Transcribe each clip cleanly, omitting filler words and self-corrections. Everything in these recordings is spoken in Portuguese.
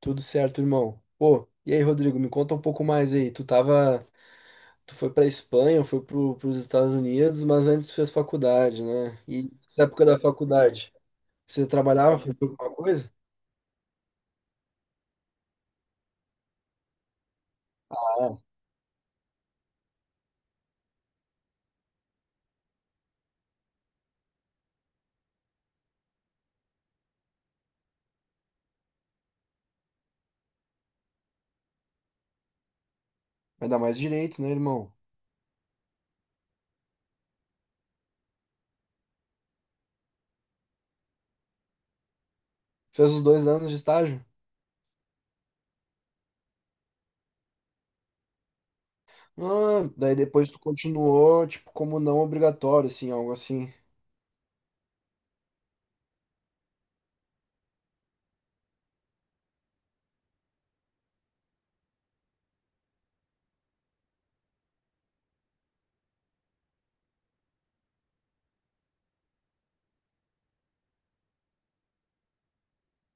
Tudo certo, irmão. Pô, e aí, Rodrigo, me conta um pouco mais aí. Tu tava, tu foi pra Espanha, foi pros Estados Unidos, mas antes tu fez faculdade, né? E nessa época da faculdade, você trabalhava, fez alguma coisa? Ah, vai dar mais direito, né, irmão? Fez os dois anos de estágio? Ah, daí depois tu continuou, tipo, como não obrigatório, assim, algo assim.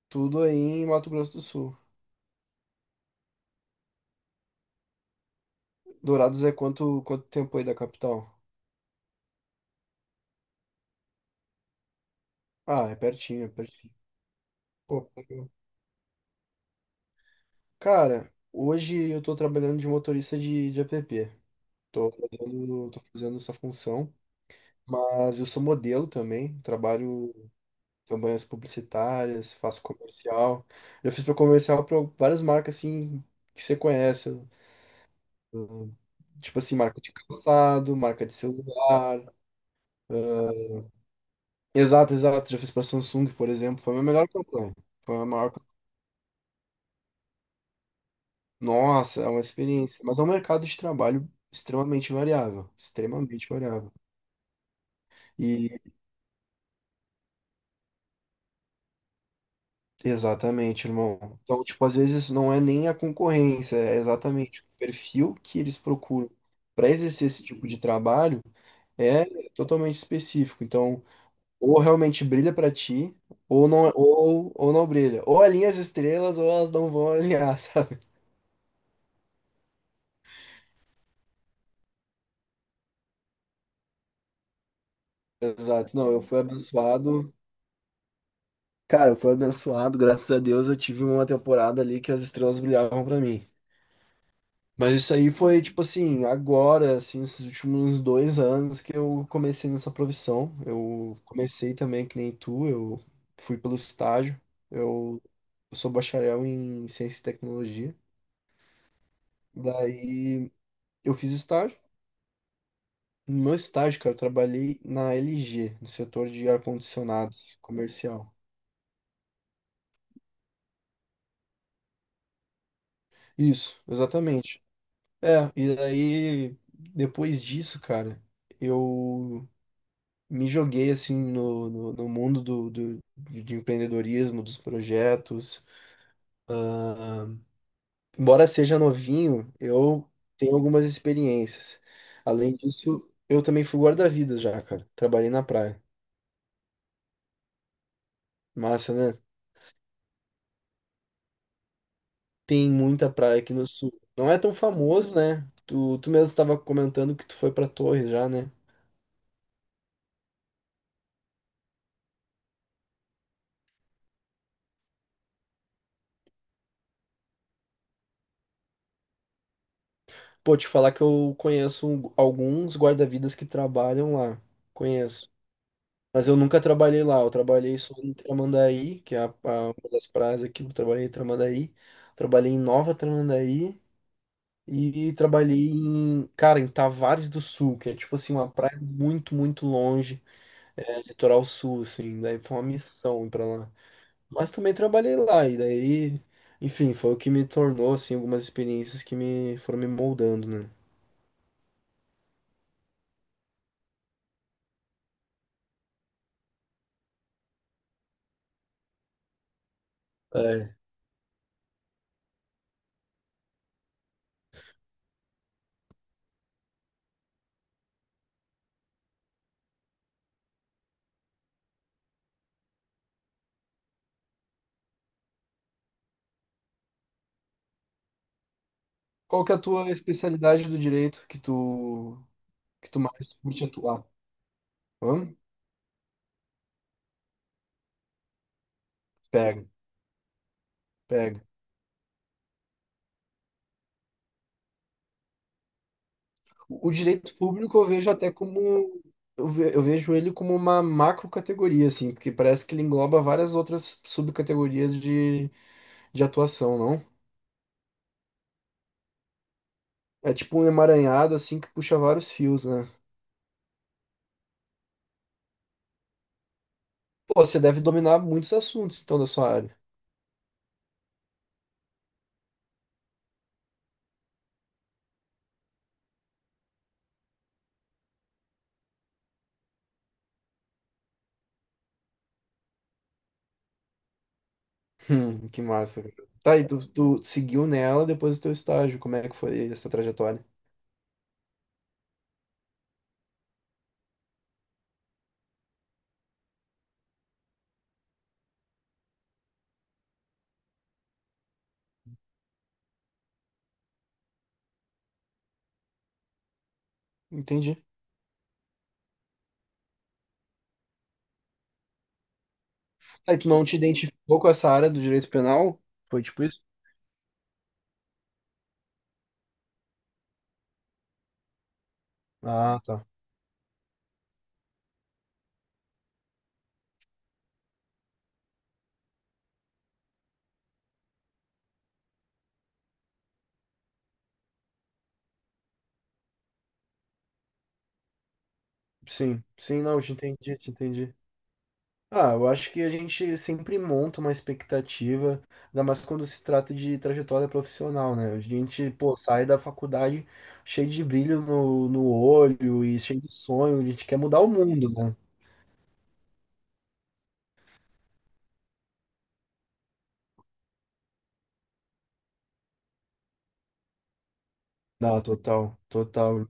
Tudo aí em Mato Grosso do Sul. Dourados é quanto tempo aí da capital? Ah, é pertinho, é pertinho. Pô, cara, hoje eu tô trabalhando de motorista de app. Tô fazendo essa função, mas eu sou modelo também, trabalho campanhas publicitárias, faço comercial. Já fiz para comercial para várias marcas assim que você conhece. Hum, tipo assim, marca de calçado, marca de celular. Exato, exato. Já fiz para Samsung, por exemplo. Foi a minha melhor campanha. Foi a maior. Nossa, é uma experiência. Mas é um mercado de trabalho extremamente variável. Extremamente variável. E exatamente, irmão. Então, tipo, às vezes não é nem a concorrência, é exatamente o perfil que eles procuram para exercer esse tipo de trabalho é totalmente específico. Então, ou realmente brilha para ti, ou não, ou não brilha. Ou alinha as estrelas, ou elas não vão alinhar, sabe? Exato. Não, eu fui abençoado. Cara, eu fui abençoado, graças a Deus eu tive uma temporada ali que as estrelas brilhavam para mim. Mas isso aí foi, tipo assim, agora, assim, esses últimos dois anos que eu comecei nessa profissão. Eu comecei também que nem tu, eu fui pelo estágio. Eu, eu sou bacharel em ciência e tecnologia. Daí eu fiz estágio. No meu estágio, cara, eu trabalhei na LG, no setor de ar-condicionado comercial. Isso, exatamente. É, e daí, depois disso, cara, eu me joguei assim no mundo do, do, de empreendedorismo, dos projetos. Ah, embora seja novinho, eu tenho algumas experiências. Além disso, eu também fui guarda-vidas já, cara. Trabalhei na praia. Massa, né? Tem muita praia aqui no sul. Não é tão famoso, né? Tu mesmo estava comentando que tu foi pra Torres já, né? Pô, te falar que eu conheço alguns guarda-vidas que trabalham lá. Conheço. Mas eu nunca trabalhei lá, eu trabalhei só em Tramandaí, que é uma das praias aqui, eu trabalhei em Tramandaí, trabalhei em Nova Tramandaí e trabalhei em, cara, em Tavares do Sul, que é tipo assim, uma praia muito, muito longe, litoral sul, assim, daí foi uma missão ir pra lá. Mas também trabalhei lá, e daí, enfim, foi o que me tornou, assim, algumas experiências que me foram me moldando, né? É. Qual que é a tua especialidade do direito que tu mais curte atuar? Hã? Pega. Pega. O direito público eu vejo até como. Eu vejo ele como uma macrocategoria, assim, porque parece que ele engloba várias outras subcategorias de atuação, não? É tipo um emaranhado, assim, que puxa vários fios, né? Pô, você deve dominar muitos assuntos, então, da sua área. Que massa, cara. Tá, e tu seguiu nela depois do teu estágio, como é que foi essa trajetória? Entendi. Aí tu não te identificou com essa área do direito penal? Foi tipo isso? Ah, tá. Sim, sim, não, eu te entendi, te entendi. Ah, eu acho que a gente sempre monta uma expectativa, ainda mais quando se trata de trajetória profissional, né? A gente, pô, sai da faculdade cheio de brilho no olho e cheio de sonho, a gente quer mudar o mundo, né? Não, total, total.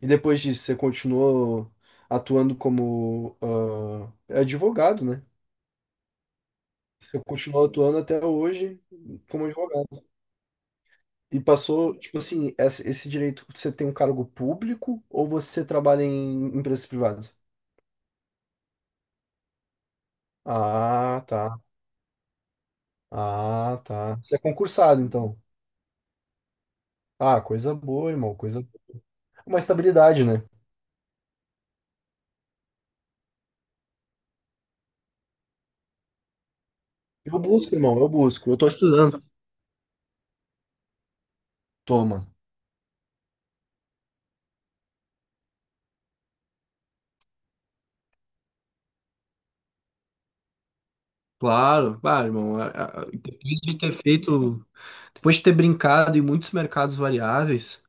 E depois disso, você continuou atuando como é advogado, né? Você continuou atuando até hoje como advogado. E passou, tipo assim, esse direito, você tem um cargo público ou você trabalha em empresas privadas? Ah, tá. Ah, tá. Você é concursado, então. Ah, coisa boa, irmão. Coisa... Uma estabilidade, né? Eu busco, irmão. Eu busco. Eu tô estudando. Toma. Claro, bah, irmão, depois de ter feito, depois de ter brincado em muitos mercados variáveis,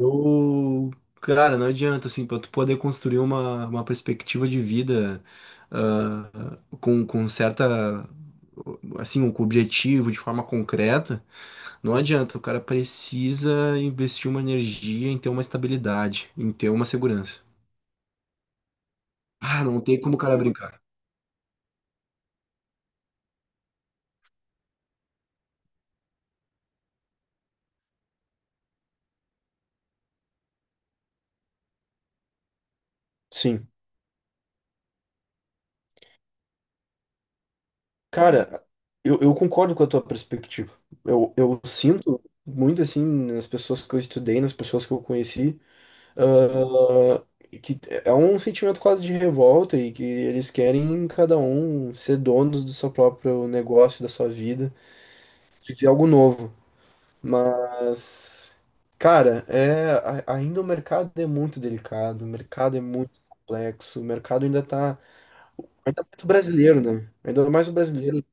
eu, cara, não adianta, assim, para tu poder construir uma perspectiva de vida, ah, com certa, assim, um objetivo de forma concreta. Não adianta, o cara precisa investir uma energia em ter uma estabilidade, em ter uma segurança. Ah, não tem como o cara brincar. Sim. Cara, eu concordo com a tua perspectiva. Eu sinto muito assim nas pessoas que eu estudei, nas pessoas que eu conheci, ah, que é um sentimento quase de revolta e que eles querem cada um ser donos do seu próprio negócio, da sua vida, viver algo novo. Mas, cara, é, ainda o mercado é muito delicado, o mercado é muito complexo, o mercado ainda tá, ainda é muito brasileiro, né? Ainda mais o brasileiro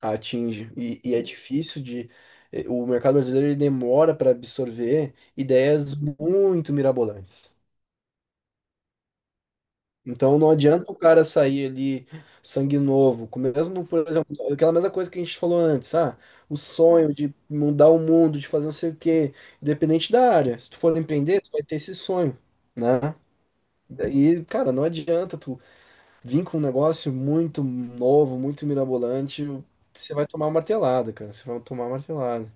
atinge. E é difícil de. Eh, o mercado brasileiro ele demora para absorver ideias muito mirabolantes. Então não adianta o cara sair ali sangue novo, com mesmo, por exemplo, aquela mesma coisa que a gente falou antes, ah, o sonho de mudar o mundo, de fazer não sei o quê, independente da área. Se tu for empreender, tu vai ter esse sonho, né? E, cara, não adianta tu vir com um negócio muito novo, muito mirabolante, você vai tomar martelada, cara, você vai tomar martelada.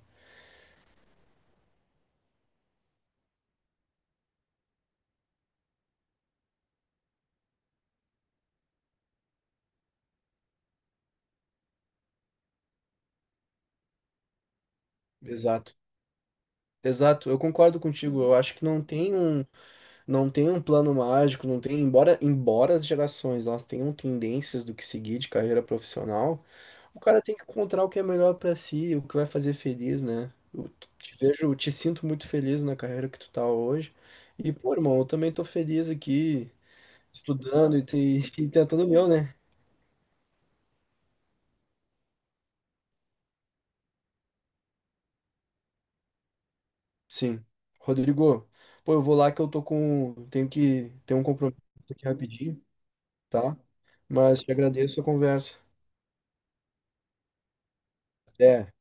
Exato. Exato, eu concordo contigo. Eu acho que não tem um. Não tem um plano mágico, não tem, embora as gerações elas tenham tendências do que seguir de carreira profissional, o cara tem que encontrar o que é melhor pra si, o que vai fazer feliz, né? Eu te vejo, te sinto muito feliz na carreira que tu tá hoje. E, pô, irmão, eu também tô feliz aqui, estudando e tentando o meu, né? Sim. Rodrigo, pô, eu vou lá que eu tô com, tenho que ter um compromisso aqui rapidinho, tá? Mas te agradeço a conversa. Até.